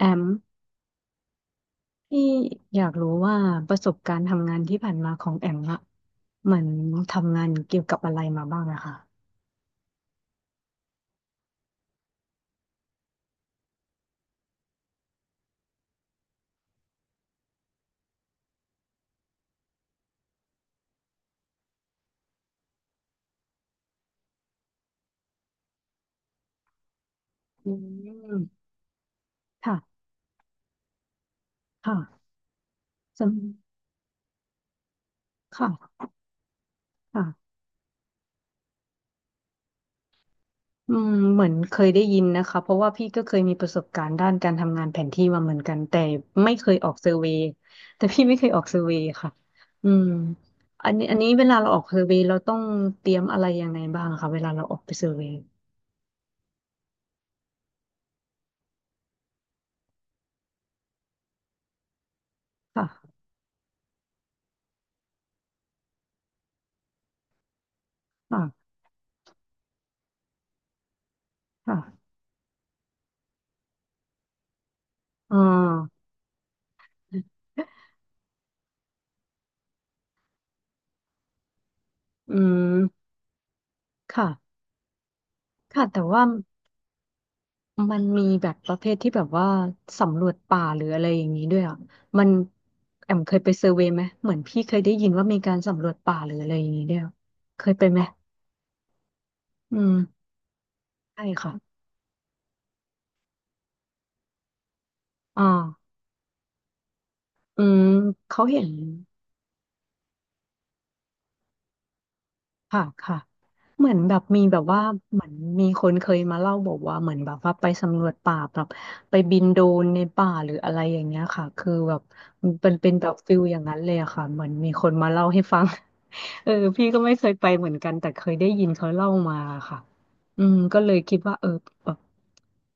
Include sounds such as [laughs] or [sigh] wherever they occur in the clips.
แอมพี่อยากรู้ว่าประสบการณ์ทำงานที่ผ่านมาของแอมอะเหมือนทำงานเกี่ยวกับอะไรมาบ้างอะค่ะอืมค่ะค่ะสำค่ะค่ะเหมือนเคยได้ยินนะคะเพราะว่าพี่ก็เคยมีประสบการณ์ด้านการทำงานแผนที่มาเหมือนกันแต่ไม่เคยออกเซอร์เวย์แต่พี่ไม่เคยออกเซอร์เวย์ค่ะอืมอันนี้เวลาเราออกเซอร์เวย์เราต้องเตรียมอะไรยังไงบ้างคะเวลาเราออกไปเซอร์เวย์ค่ะค่ะค่ะอ่า อืมค่ะค่ะ แต่ว่ามันมีแบบประเภทที่แบบว่าสำรวจป่าหรืออะไรอย่างนี้ด้วยอ่ะมันแอมเคยไปเซอร์เวย์ไหมเหมือนพี่เคยได้ยินว่ามีการสำรวจป่าหรืออะไรอย่างนี้ด้วยอะเคยไปไหมอืมใช่ค่ะอ่าอืม เขาเห็น ค่ะค่ะเหมือนแบบมีแบบว่าเหมือนมีคนเคยมาเล่าบอกว่าเหมือนแบบว่าไปสำรวจป่าแบบไปบินโดรนในป่าหรืออะไรอย่างเงี้ยค่ะคือแบบมันเป็นแบบฟิลอย่างนั้นเลยอะค่ะเหมือนมีคนมาเล่าให้ฟัง [laughs] เออพี่ก็ไม่เคยไปเหมือนกันแต่เคยได้ยินเขาเล่ามาค่ะอืมก็เลยคิดว่าเออแบบ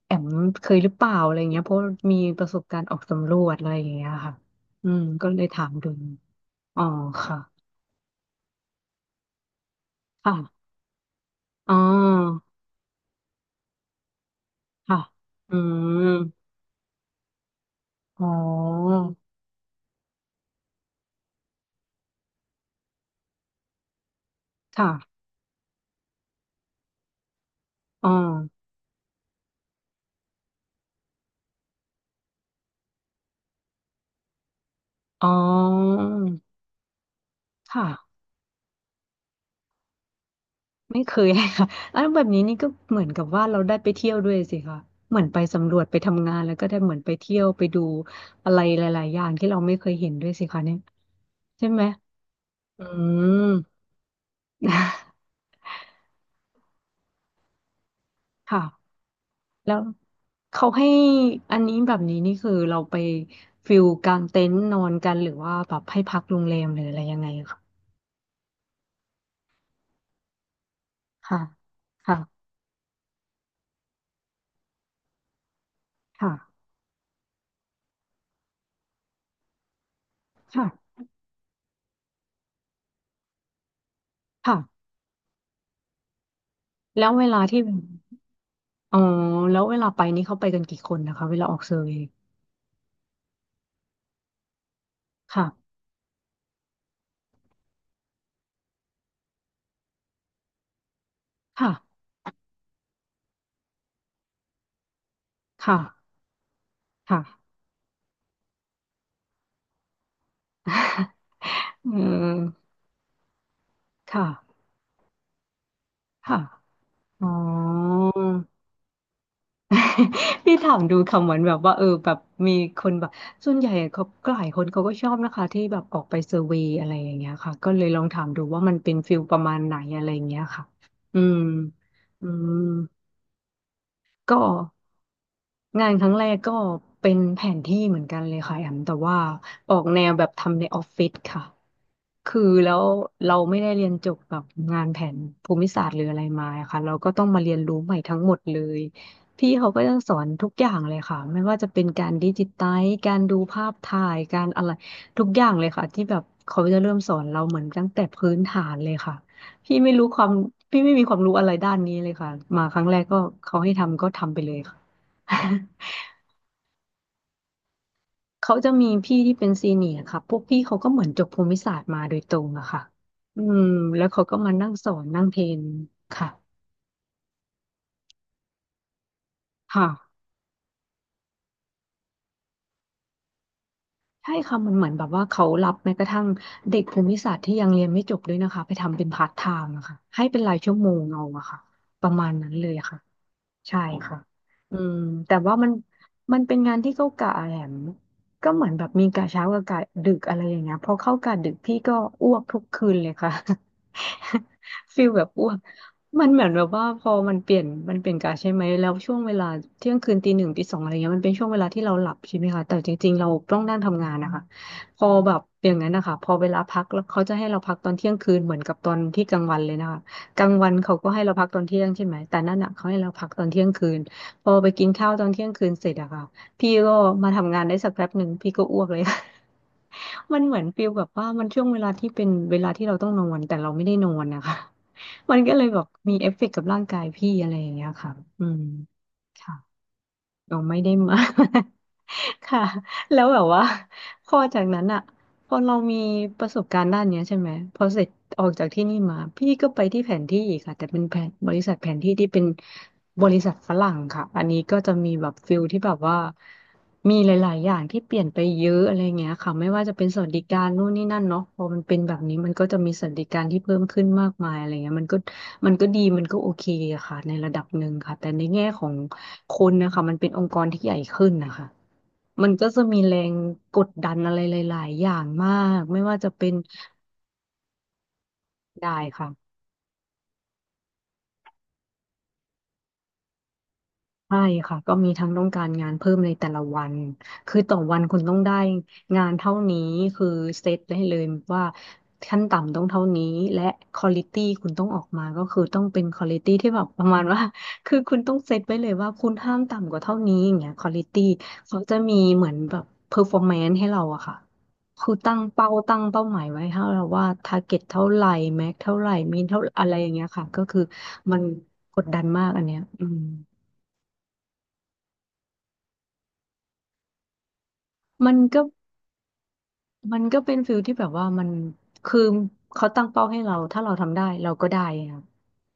แอมเคยหรือเปล่าอะไรเงี้ยเพราะมีประสบการณ์ออกสำรวจอะไรอย่างเงี้ยค่ะอืมก็เลยถามดูอ๋อค่ะค่ะอ๋อ ค่ะอืม อ๋อ ค่ะ อ๋อ อ๋อ ค่ะไม่เคย [laughs] ค่ะอันแบบนี้นี่ก็เหมือนกับว่าเราได้ไปเที่ยวด้วยสิคะเหมือนไปสำรวจไปทำงานแล้วก็ได้เหมือนไปเที่ยวไปดูอะไรหลายๆอย่างที่เราไม่เคยเห็นด้วยสิคะเนี่ยใช่ไหม อืม [laughs] ค่ะ แล้วเขาให้อันนี้แบบนี้นี่คือเราไปฟิลกางเต็นท์นอนกันหรือว่าแบบให้พักโรงแรมหรืออะไรยังไงคะค่ะ ค่ะค่ะ ค่ะ ค่ะแล้วเวลาที่อ๋อแล้วเวลาไปนี่เขาไปกันกี่คนนะคะเวลาออกเซอร์เวย์ค่ะค่ะค่ะค่ะ [laughs] อืมค่ะค่ะ อ๋อ [laughs] พี่ถามดูคำเหมือนแบบว่าเออแบบมีคนแบบส่วนใหญ่เขาหลายคนเขาก็ชอบนะคะที่แบบออกไปเซอร์เวย์อะไรอย่างเงี้ยค่ะก็เลยลองถามดูว่ามันเป็นฟิลประมาณไหนอะไรอย่างเงี้ยค่ะอืมอืม ก็งานครั้งแรกก็เป็นแผนที่เหมือนกันเลยค่ะแอมแต่ว่าออกแนวแบบทำในออฟฟิศค่ะคือแล้วเราไม่ได้เรียนจบแบบงานแผนภูมิศาสตร์หรืออะไรมาอะค่ะเราก็ต้องมาเรียนรู้ใหม่ทั้งหมดเลยพี่เขาก็จะสอนทุกอย่างเลยค่ะไม่ว่าจะเป็นการดิจิไตล์การดูภาพถ่ายการอะไรทุกอย่างเลยค่ะที่แบบเขาจะเริ่มสอนเราเหมือนตั้งแต่พื้นฐานเลยค่ะ พี่ไม่รู้ความพี่ไม่มีความรู้อะไรด้านนี้เลยค่ะมาครั้งแรกก็เขาให้ทำก็ทำไปเลยค่ะ [laughs] เขาจะมีพี่ที่เป็นซีเนียร์ค่ะพวกพี่เขาก็เหมือนจบภูมิศาสตร์มาโดยตรงอะค่ะอืมแล้วเขาก็มานั่งสอนนั่งเทรนค่ะค่ะใช่ค่ะมันเหมือนแบบว่าเขารับแม้กระทั่งเด็กภูมิศาสตร์ที่ยังเรียนไม่จบด้วยนะคะไปทำเป็นพาร์ทไทม์อะค่ะให้เป็นรายชั่วโมงเอาอะค่ะประมาณนั้นเลยค่ะ ใช่ค่ะอืมแต่ว่ามันเป็นงานที่เขากะแหลมก็เหมือนแบบมีกะเช้ากับกะดึกอะไรอย่างเงี้ยพอเข้ากะดึกพี่ก็อ้วกทุกคืนเลยค่ะ [laughs] ฟีลแบบอ้วกมันเหมือนแบบว่าพอมันเปลี่ยนกะใช่ไหมแล้วช่วงเวลาเที่ยงคืนตีหนึ่งตีสองอะไรเงี้ยมันเป็นช่วงเวลาที่เราหลับใช่ไหมคะแต่จริงๆเราต้องนั่งทำงานนะคะพอแบบอย่างนั้นนะคะพอเวลาพักแล้วเขาจะให้เราพักตอนเที่ยงคืนเหมือนกับตอนที่กลางวันเลยนะคะ กลางวันเขาก็ให้เราพักตอนเที่ยงใช่ไหมแต่นั่นอ่ะเขาให้เราพักตอนเที่ยงคืนพอไปกินข้าวตอนเที่ยงคืนเสร็จอะค่ะพี่ก็มาทำงานได้สักแป๊บหนึ่งพี่ก็อ้วกเลย [laughs] มันเหมือนฟีลแบบว่ามันช่วงเวลาที่เป็นเวลาที่เราต้องนอนแต่เราไม่ได้นอนนะคะ [laughs] มันก็เลยแบบมีเอฟเฟกต์กับร่างกายพี่อะไรอย่างเงี้ยค่ะอืมค่ะ เราไม่ได้มา [laughs] ค่ะแล้วแบบว่าพอจากนั้นอะพอเรามีประสบการณ์ด้านเนี้ยใช่ไหมพอเสร็จออกจากที่นี่มาพี่ก็ไปที่แผนที่อีกค่ะแต่เป็นแผนบริษัทแผนที่ที่เป็นบริษัทฝรั่งค่ะอันนี้ก็จะมีแบบฟิลที่แบบว่ามีหลายๆ อย่างที่เปลี่ยนไปเยอะอะไรเงี้ยค่ะไม่ว่าจะเป็นสวัสดิการนู่นนี่นั่นเนาะพอมันเป็นแบบนี้มันก็จะมีสวัสดิการที่เพิ่มขึ้นมากมายอะไรเงี้ยมันก็ดีมันก็โอเคอะค่ะในระดับหนึ่งค่ะแต่ในแง่ของ คนนะคะมันเป็นองค์กรที่ใหญ่ขึ้นนะคะมันก็จะมีแรงกดดันอะไรหลายๆอย่างมากไม่ว่าจะเป็นได้ค่ะ ใช่ค่ะก็มีทั้งต้องการงานเพิ่มในแต่ละวันคือต่อวันคุณต้องได้งานเท่านี้คือเซตได้เลยว่าขั้นต่ำต้องเท่านี้และควอลิตี้คุณต้องออกมาก็คือต้องเป็นควอลิตี้ที่แบบประมาณว่า [laughs] คือคุณต้องเซตไว้เลยว่าคุณห้ามต่ำกว่าเท่านี้อย่างเงี้ยควอลิตี้เขาจะมีเหมือนแบบเพอร์ฟอร์แมนซ์ให้เราอะค่ะคือตั้งเป้าตั้งเป้าหมายไว้ให้เราว่าทาร์เก็ตเท่าไหร่แม็กเท่าไหร่มีเท่าอะไรอย่างเงี้ยค่ะก็คือมันกดดันมากอันเนี้ยอืม มันก็มันก็เป็นฟิลที่แบบว่ามันคือเขาตั้งเป้าให้เราถ้าเราทำได้เราก็ได้คร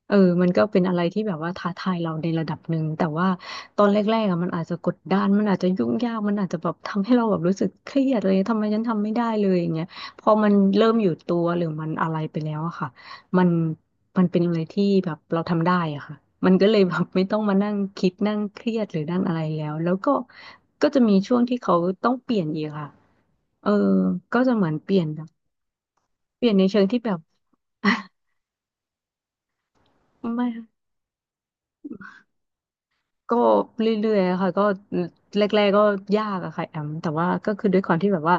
เออมันก็เป็นอะไรที่แบบว่าท้าทายเราในระดับหนึ่งแต่ว่าตอนแรกๆอะมันอาจจะกดดันมันอาจจะยุ่งยากมันอาจจะแบบทำให้เราแบบรู้สึกเครียดเลยทำไมฉันทำไม่ได้เลยอย่างเงี้ยพอมันเริ่มอยู่ตัวหรือมันอะไรไปแล้วอะค่ะมันมันเป็นอะไรที่แบบเราทำได้อะค่ะมันก็เลยแบบไม่ต้องมานั่งคิดนั่งเครียดหรือนั่งอะไรแล้วก็ก็จะมีช่วงที่เขาต้องเปลี่ยนอีกค่ะ เออก็จะเหมือนเปลี่ยนแบบเปลี่ยนในเชิงที่แบบ [laughs] ไม่ ก็เรื่อยๆค่ะก็แรกๆก็ยากอะค่ะแอมแต่ว่าก็คือด้วยความที่แบบว่า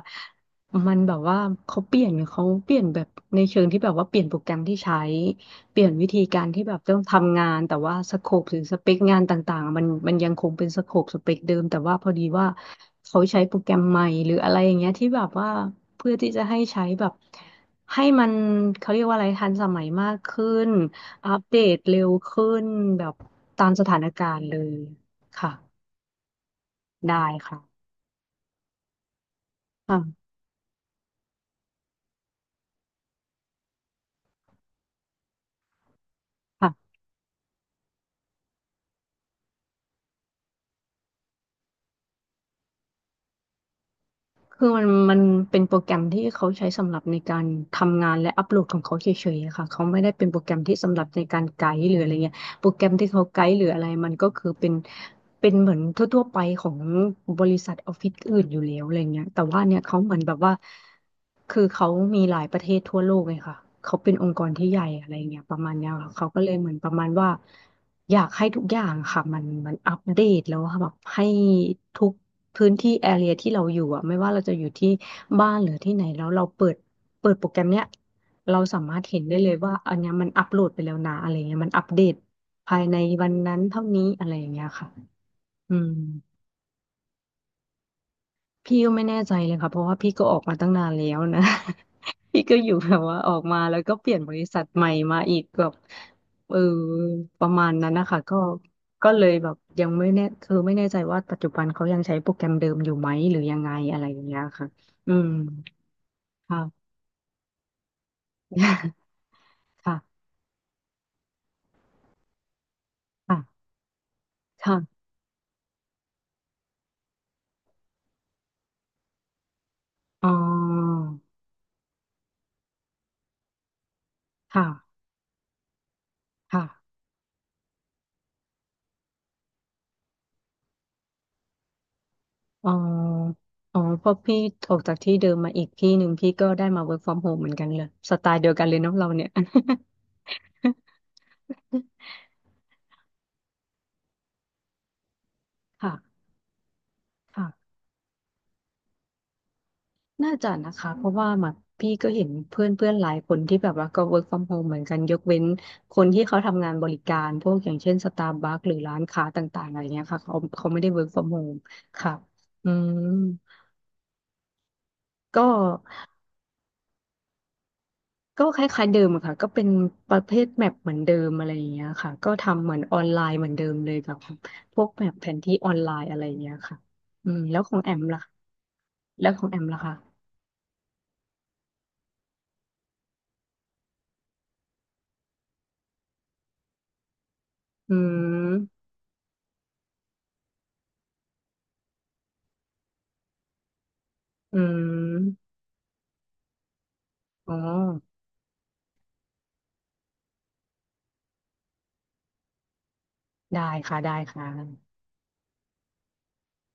มันแบบว่าเขาเปลี่ยนแบบในเชิงที่แบบว่าเปลี่ยนโปรแกรมที่ใช้เปลี่ยนวิธีการที่แบบต้องทำงานแต่ว่าสโคปหรือสเปคงานต่างๆอะมันยังคงเป็นสโคปสเปคเดิมแต่ว่าพอดีว่าเขาใช้โปรแกรมใหม่หรืออะไรอย่างเงี้ยที่แบบว่าเพื่อที่จะให้ใช้แบบให้มันเขาเรียกว่าอะไรทันสมัยมากขึ้น อัปเดตเร็วขึ้นแบบตามสถานการณ์เลยค่ะ ได้ค่ะค่ะค่ะคือมันเป็นโปรแกรมที่เขาใช้สำหรับในการทำงานและอัปโหลดของเขาเฉยๆอะค่ะเขาไม่ได้เป็นโปรแกรมที่สำหรับในการไกด์หรืออะไรเงี้ย โปรแกรมที่เขาไกด์หรืออะไรมันก็คือเป็นเหมือนทั่วๆไปของบริษัทออฟฟิศอื่นอยู่แล้วอะไรเงี้ยแต่ว่าเนี่ยเขาเหมือนแบบว่าคือเขามีหลายประเทศทั่วโลกเลยค่ะเขาเป็นองค์กรที่ใหญ่อะไรเงี้ยประมาณเนี้ยค่ะเขาก็เลยเหมือนประมาณว่าอยากให้ทุกอย่างค่ะมันอัปเดตแล้วอะแบบให้ทุกพื้นที่แอเรียที่เราอยู่อ่ะไม่ว่าเราจะอยู่ที่บ้านหรือที่ไหนแล้วเราเปิดโปรแกรมเนี้ย เราสามารถเห็นได้เลยว่าอันเนี้ยมันอัปโหลดไปแล้วนะอะไรเงี้ยมันอัปเดตภายในวันนั้นเท่านี้อะไรอย่างเงี้ยค่ะอืมพี่ก็ไม่แน่ใจเลยค่ะเพราะว่าพี่ก็ออกมาตั้งนานแล้วนะ [laughs] พี่ก็อยู่แบบว่าออกมาแล้วก็เปลี่ยนบริษัทใหม่มาอีกแบบเออประมาณนั้นนะคะก็ก็เลยแบบยังไม่แน่คือไม่แน่ใจว่าปัจจุบันเขายังใช้โปรแกรมเดิมอยู่ไหมหรือยังไงอะไรอย่างเงี้ยค่ะอืมค่ะ [laughs] ค่ะค่ะค่ะอ๋อค่ะค่ะ อ๋ออ๋อเพราะพี่ออกจากที่เดิมมาอีกที่หนึ่งพี่ก็ได้มา work from home เหมือนกันเลย สไตล์เดียวกันเลยเนาะเราเนี่ย [laughs] ค่ะค่ะ น่าจะนะคะ เพราะว่าแบบพี่ก็เห็นเพื่อนเพื่อนหลายคนที่แบบว่าก็ work from home เหมือนกันยกเว้นคนที่เขาทำงานบริการพวกอย่างเช่นสตาร์บัคหรือร้านค้าต่างๆอะไรเงี้ยค่ะเขาไม่ได้ work from home ค่ะอืมก็ ก็คล้ายๆเดิมอะค่ะก็เป็นประเภทแมปเหมือนเดิมอะไรอย่างเงี้ยค่ะก็ทำเหมือนออนไลน์เหมือนเดิมเลยกับพวกแมปแผนที่ออนไลน์อะไรอย่างเงี้ยค่ะอืมแล้วของแอมล่ะแล้วของแอมล่ะคะอืมอืมอ๋อได้ค่ะได้ค่ะ